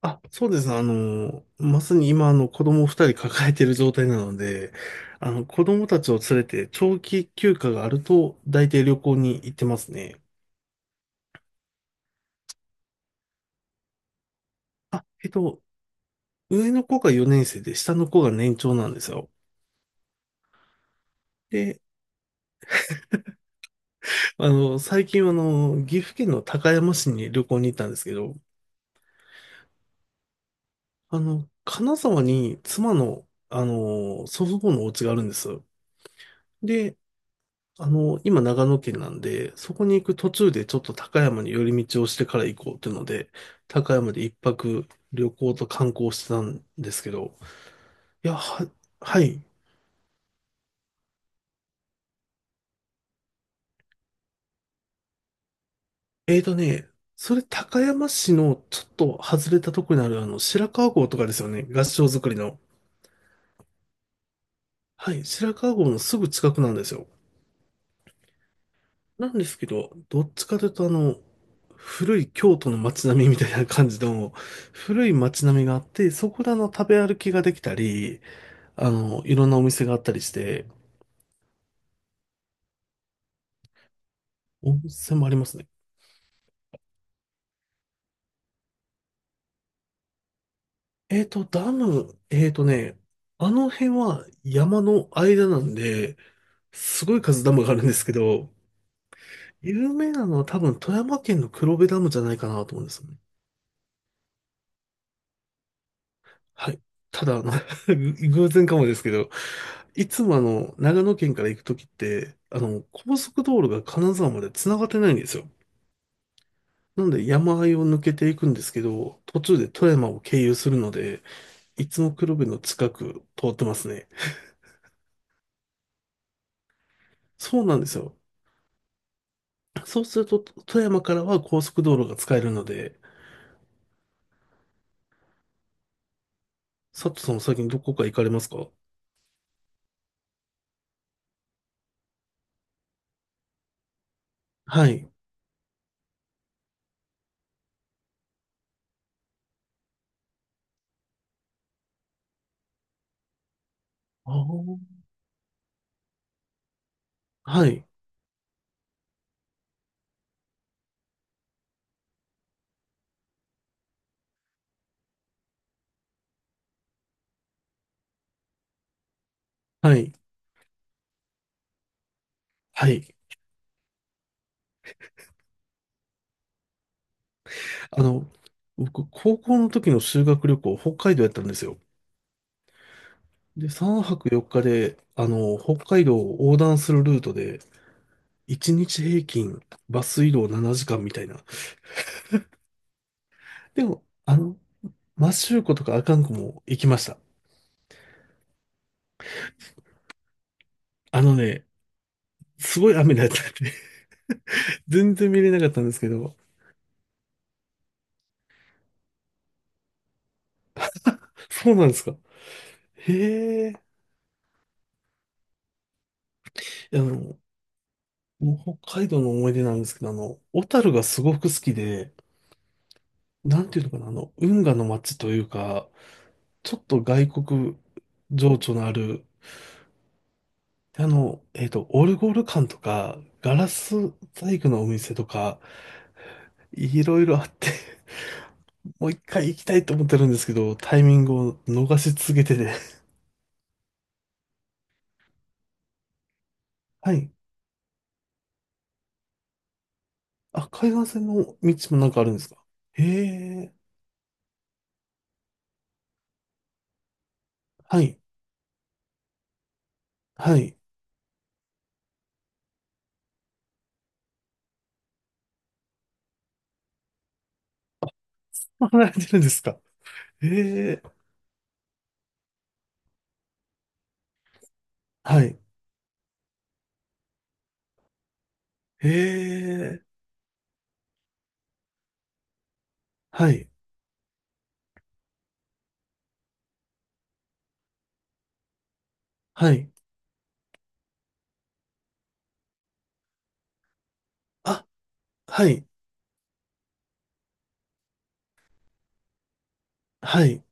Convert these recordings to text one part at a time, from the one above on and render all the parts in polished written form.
そうです。まさに今、子供二人抱えている状態なので、子供たちを連れて長期休暇があると、大体旅行に行ってますね。あ、えっと、上の子が4年生で、下の子が年長なんですよ。で、あの、最近、岐阜県の高山市に旅行に行ったんですけど、金沢に妻の、祖父母のお家があるんです。で、あの、今長野県なんで、そこに行く途中でちょっと高山に寄り道をしてから行こうっていうので、高山で一泊旅行と観光してたんですけど、いや、は、はい。えーとね、それ高山市のちょっと外れたとこにあるあの白川郷とかですよね。合掌造りの。はい。白川郷のすぐ近くなんですよ。なんですけど、どっちかというとあの、古い京都の街並みみたいな感じの、古い街並みがあって、そこであの食べ歩きができたり、いろんなお店があったりして、温泉もありますね。えっと、ダム、えっとね、あの辺は山の間なんで、すごい数ダムがあるんですけど、有名なのは多分富山県の黒部ダムじゃないかなと思うんですよね。はい。ただ、あの 偶然かもですけど、いつもあの、長野県から行くときって、高速道路が金沢まで繋がってないんですよ。なんで山あいを抜けていくんですけど、途中で富山を経由するので、いつも黒部の近く通ってますね。そうなんですよ。そうすると、富山からは高速道路が使えるので、佐藤さんも先にどこか行かれますか？はい。あー、はい。はい。はい。あの、僕、高校の時の修学旅行、北海道やったんですよ。で、3泊4日で、北海道を横断するルートで、1日平均、バス移動7時間みたいな。でも、あの、摩周湖とか阿寒湖も行きました。あのね、すごい雨だったんで全然見れなかったんですけど、そうなんですか？へえ。いやもう北海道の思い出なんですけど、小樽がすごく好きで、なんていうのかな、運河の街というか、ちょっと外国情緒のある、オルゴール館とか、ガラス細工のお店とか、いろいろあって、もう一回行きたいと思ってるんですけど、タイミングを逃し続けてて。はい。あ、海岸線の道もなんかあるんですか？へえ。はい。はい。離れてるんですか？ええ、はい。ええ、はい。はい。あ、はい。はい。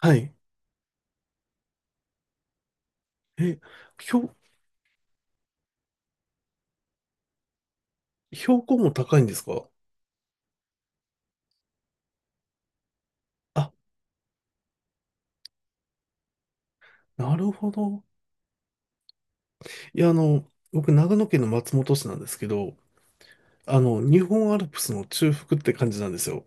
はい。え、標、標高も高いんですか？あ、なるほど。いや、あの、僕、長野県の松本市なんですけど、日本アルプスの中腹って感じなんですよ。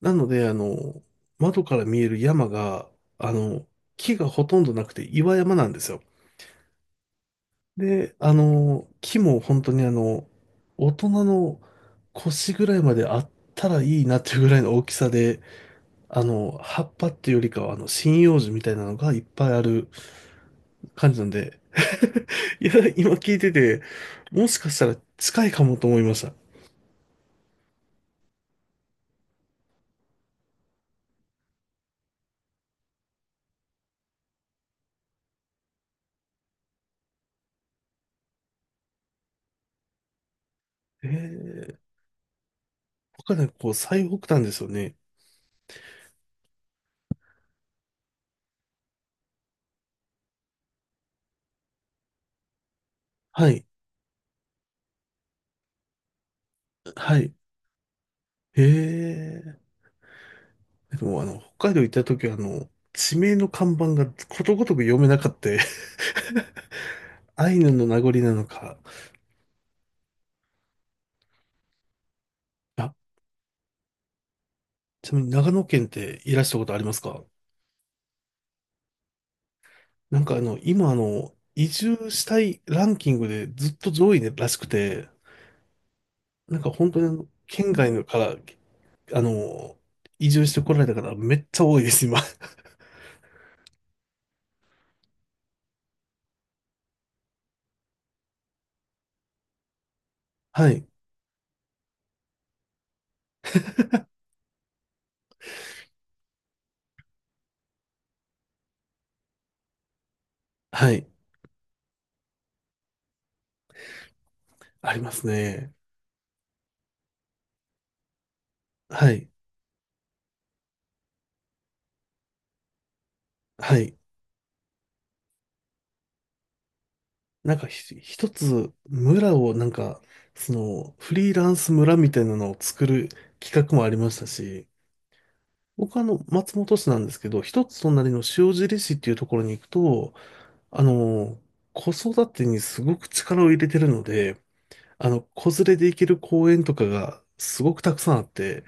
なので、窓から見える山が、あの、木がほとんどなくて岩山なんですよ。で、あの、木も本当にあの、大人の腰ぐらいまであったらいいなっていうぐらいの大きさで、葉っぱっていうよりかは、針葉樹みたいなのがいっぱいある感じなんで、いや、今聞いてて、もしかしたら近いかもと思いました。えー、他ね、こう、最北端ですよね。はい、はい。えー、でもあの、北海道行った時は、地名の看板がことごとく読めなかった。アイヌの名残なのか、あ、ちなみに長野県っていらしたことありますか？なんかあの、今あの、移住したいランキングでずっと上位らしくて、なんか本当にあの県外のから、あの、移住してこられた方めっちゃ多いです、今。はい。はい。ありますね。はい。はい。なんか一つ村をなんか、その、フリーランス村みたいなのを作る企画もありましたし、僕はあの、松本市なんですけど、一つ隣の塩尻市っていうところに行くと、あの、子育てにすごく力を入れてるので、子連れで行ける公園とかがすごくたくさんあって、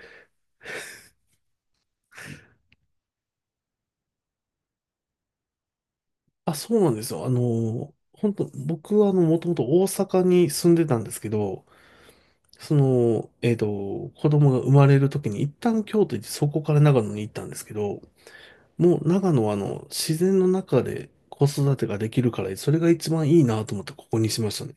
あ、そうなんですよ。あの、本当僕はあの、もともと大阪に住んでたんですけど、子供が生まれる時に一旦京都行って、そこから長野に行ったんですけど、もう長野はあの、自然の中で子育てができるから、それが一番いいなと思ってここにしましたね。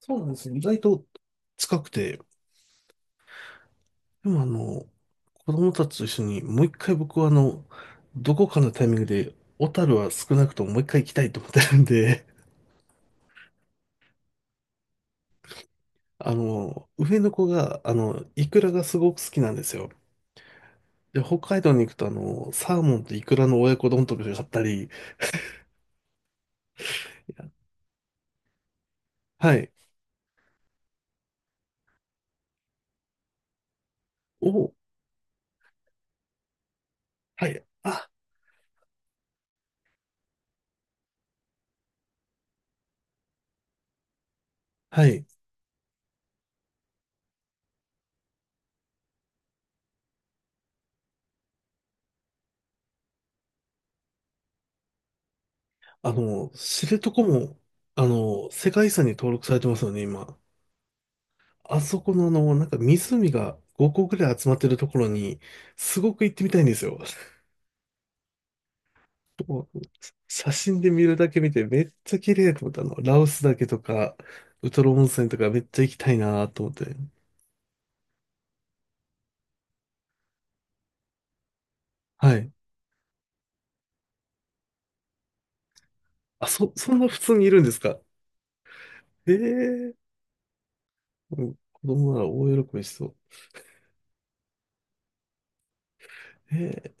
そうなんですよ。意外と近くて、でもあの、子供たちと一緒にもう一回僕はあの、どこかのタイミングで、小樽は少なくとももう一回行きたいと思ってるんで、あの、上の子が、イクラがすごく好きなんですよ。で、北海道に行くとあの、サーモンとイクラの親子丼とか買ったり、はい。お、はい。あ、はい。知床も、世界遺産に登録されてますよね、今。あそこのあの、なんか湖が5個ぐらい集まってるところに、すごく行ってみたいんですよ。もう写真で見るだけ見てめっちゃ綺麗と思ったあの。ラオスだけとか、ウトロ温泉とかめっちゃ行きたいなと思って。はい。そんな普通にいるんですか？ええー、うん子供なら大喜びしそう。ええ